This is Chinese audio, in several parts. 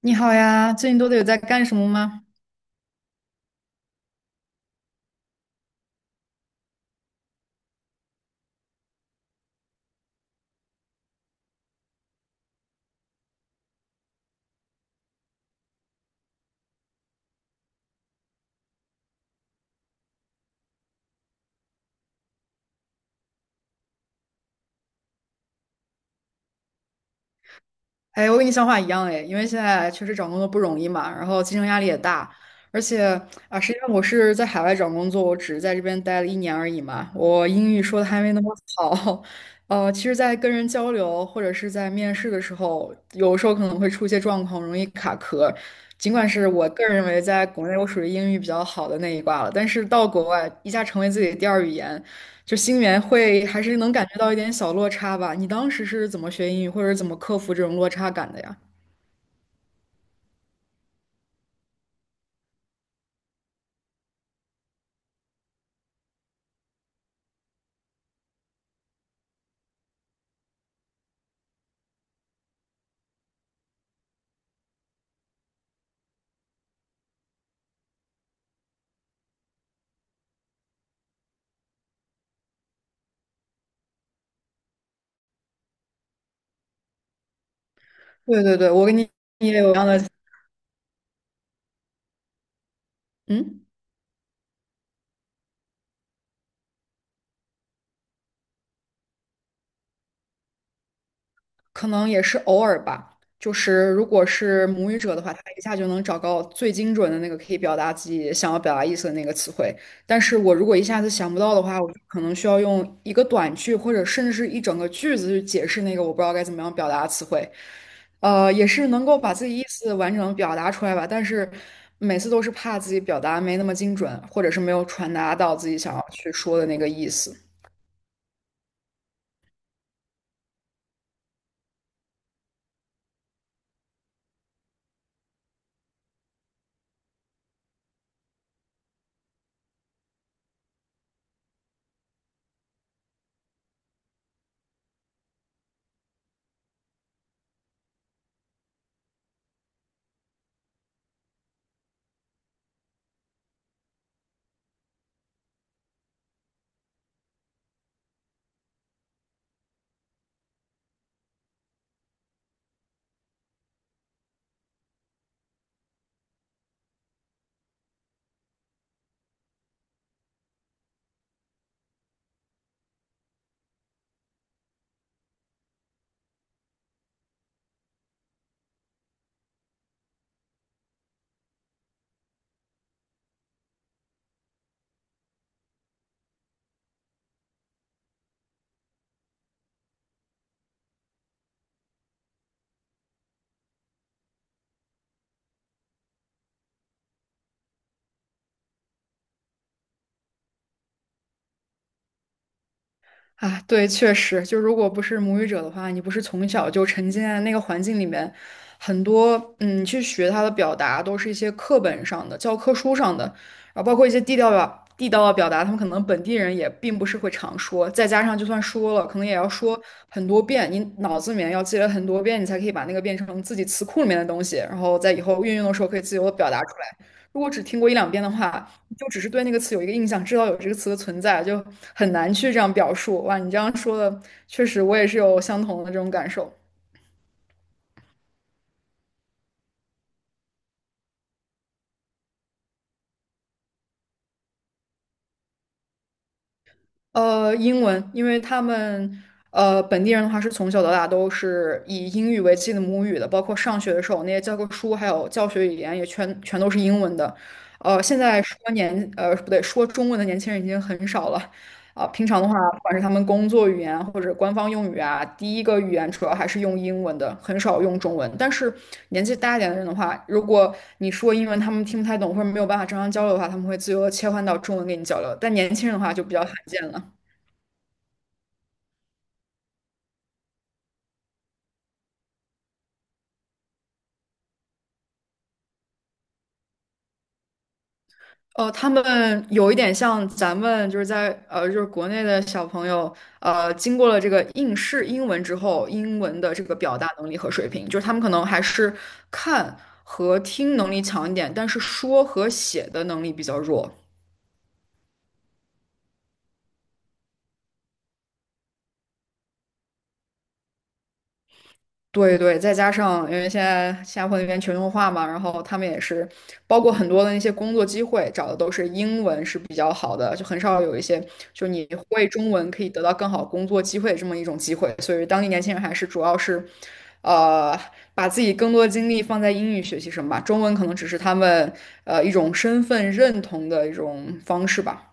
你好呀，最近都得有在干什么吗？哎，我跟你想法一样哎，因为现在确实找工作不容易嘛，然后竞争压力也大，而且啊，实际上我是在海外找工作，我只是在这边待了一年而已嘛，我英语说的还没那么好，其实，在跟人交流或者是在面试的时候，有时候可能会出一些状况，容易卡壳。尽管是我个人认为在国内我属于英语比较好的那一挂了，但是到国外一下成为自己的第二语言。就心里面会还是能感觉到一点小落差吧。你当时是怎么学英语，或者是怎么克服这种落差感的呀？对对对，我跟你也有一样的，嗯。可能也是偶尔吧。就是如果是母语者的话，他一下就能找到最精准的那个可以表达自己想要表达意思的那个词汇。但是我如果一下子想不到的话，我就可能需要用一个短句或者甚至是一整个句子去解释那个我不知道该怎么样表达的词汇。也是能够把自己意思完整地表达出来吧，但是每次都是怕自己表达没那么精准，或者是没有传达到自己想要去说的那个意思。啊，对，确实，就如果不是母语者的话，你不是从小就沉浸在那个环境里面，很多嗯，去学它的表达都是一些课本上的、教科书上的，然后包括一些地道表、地道的表达，他们可能本地人也并不是会常说，再加上就算说了，可能也要说很多遍，你脑子里面要记了很多遍，你才可以把那个变成自己词库里面的东西，然后在以后运用的时候可以自由的表达出来。如果只听过一两遍的话，就只是对那个词有一个印象，知道有这个词的存在，就很难去这样表述。哇，你这样说的，确实我也是有相同的这种感受。英文，因为他们本地人的话是从小到大都是以英语为自己的母语的，包括上学的时候那些教科书还有教学语言也全都是英文的。现在说年呃不对，说中文的年轻人已经很少了。啊、平常的话，不管是他们工作语言或者官方用语啊，第一个语言主要还是用英文的，很少用中文。但是年纪大一点的人的话，如果你说英文他们听不太懂或者没有办法正常交流的话，他们会自由的切换到中文跟你交流。但年轻人的话就比较罕见了。哦，他们有一点像咱们就是在就是国内的小朋友，经过了这个应试英文之后，英文的这个表达能力和水平，就是他们可能还是看和听能力强一点，但是说和写的能力比较弱。对对，再加上因为现在新加坡那边全球化嘛，然后他们也是包括很多的那些工作机会找的都是英文是比较好的，就很少有一些就你会中文可以得到更好工作机会这么一种机会，所以当地年轻人还是主要是，呃，把自己更多的精力放在英语学习上吧，中文可能只是他们一种身份认同的一种方式吧。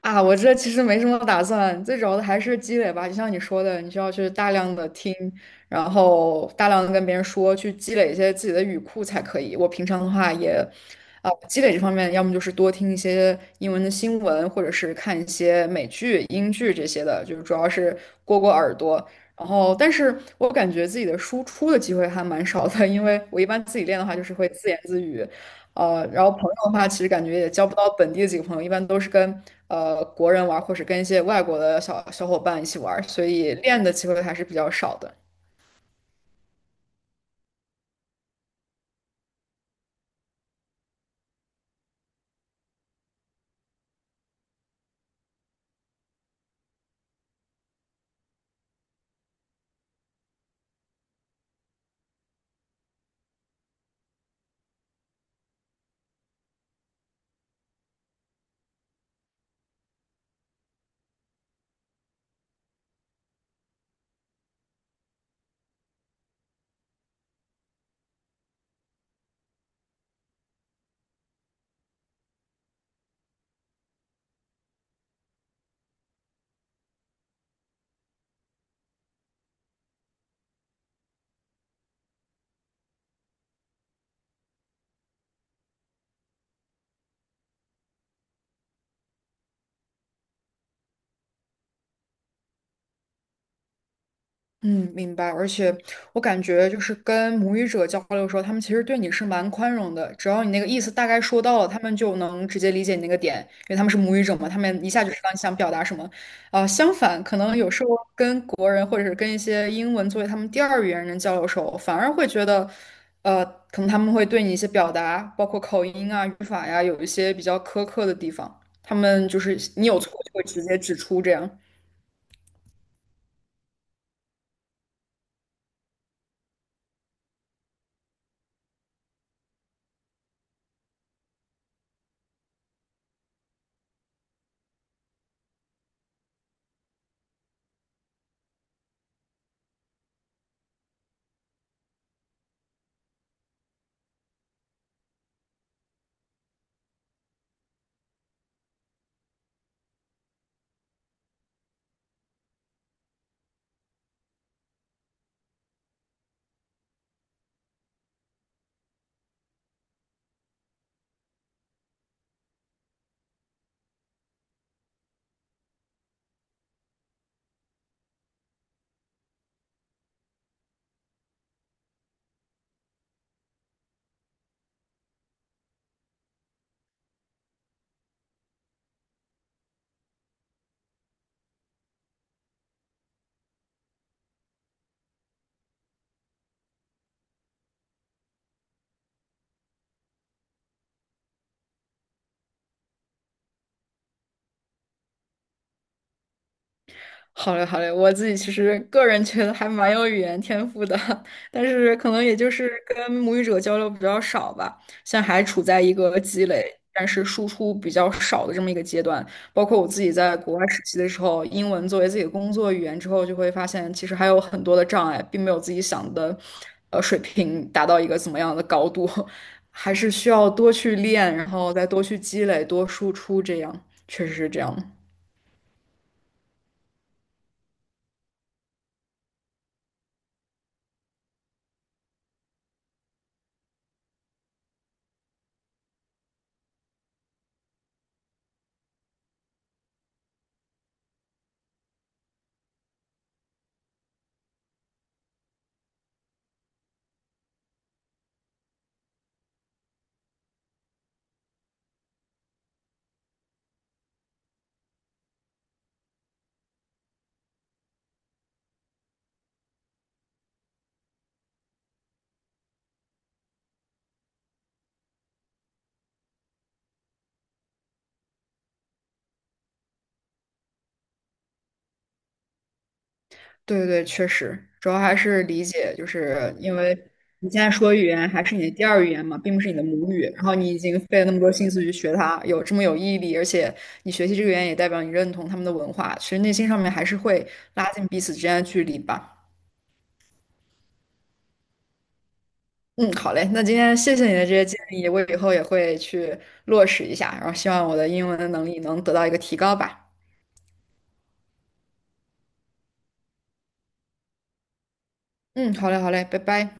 啊，我这其实没什么打算，最主要的还是积累吧。就像你说的，你需要去大量的听，然后大量的跟别人说，去积累一些自己的语库才可以。我平常的话也，啊、积累这方面，要么就是多听一些英文的新闻，或者是看一些美剧、英剧这些的，就是主要是过过耳朵。然后，但是我感觉自己的输出的机会还蛮少的，因为我一般自己练的话，就是会自言自语，然后朋友的话，其实感觉也交不到本地的几个朋友，一般都是跟国人玩儿，或者跟一些外国的小小伙伴一起玩儿，所以练的机会还是比较少的。嗯，明白。而且我感觉就是跟母语者交流的时候，他们其实对你是蛮宽容的，只要你那个意思大概说到了，他们就能直接理解你那个点，因为他们是母语者嘛，他们一下就知道你想表达什么。啊、相反，可能有时候跟国人或者是跟一些英文作为他们第二语言人交流的时候，反而会觉得，呃，可能他们会对你一些表达，包括口音啊、语法呀，有一些比较苛刻的地方，他们就是你有错就会直接指出这样。好嘞，好嘞，我自己其实个人觉得还蛮有语言天赋的，但是可能也就是跟母语者交流比较少吧，现在还处在一个积累，但是输出比较少的这么一个阶段。包括我自己在国外实习的时候，英文作为自己的工作语言之后，就会发现其实还有很多的障碍，并没有自己想的，水平达到一个怎么样的高度，还是需要多去练，然后再多去积累，多输出，这样确实是这样。对对对，确实，主要还是理解，就是因为你现在说语言还是你的第二语言嘛，并不是你的母语，然后你已经费了那么多心思去学它，有这么有毅力，而且你学习这个语言也代表你认同他们的文化，其实内心上面还是会拉近彼此之间的距离吧。嗯，好嘞，那今天谢谢你的这些建议，我以后也会去落实一下，然后希望我的英文能力能得到一个提高吧。嗯，好嘞，好嘞，拜拜。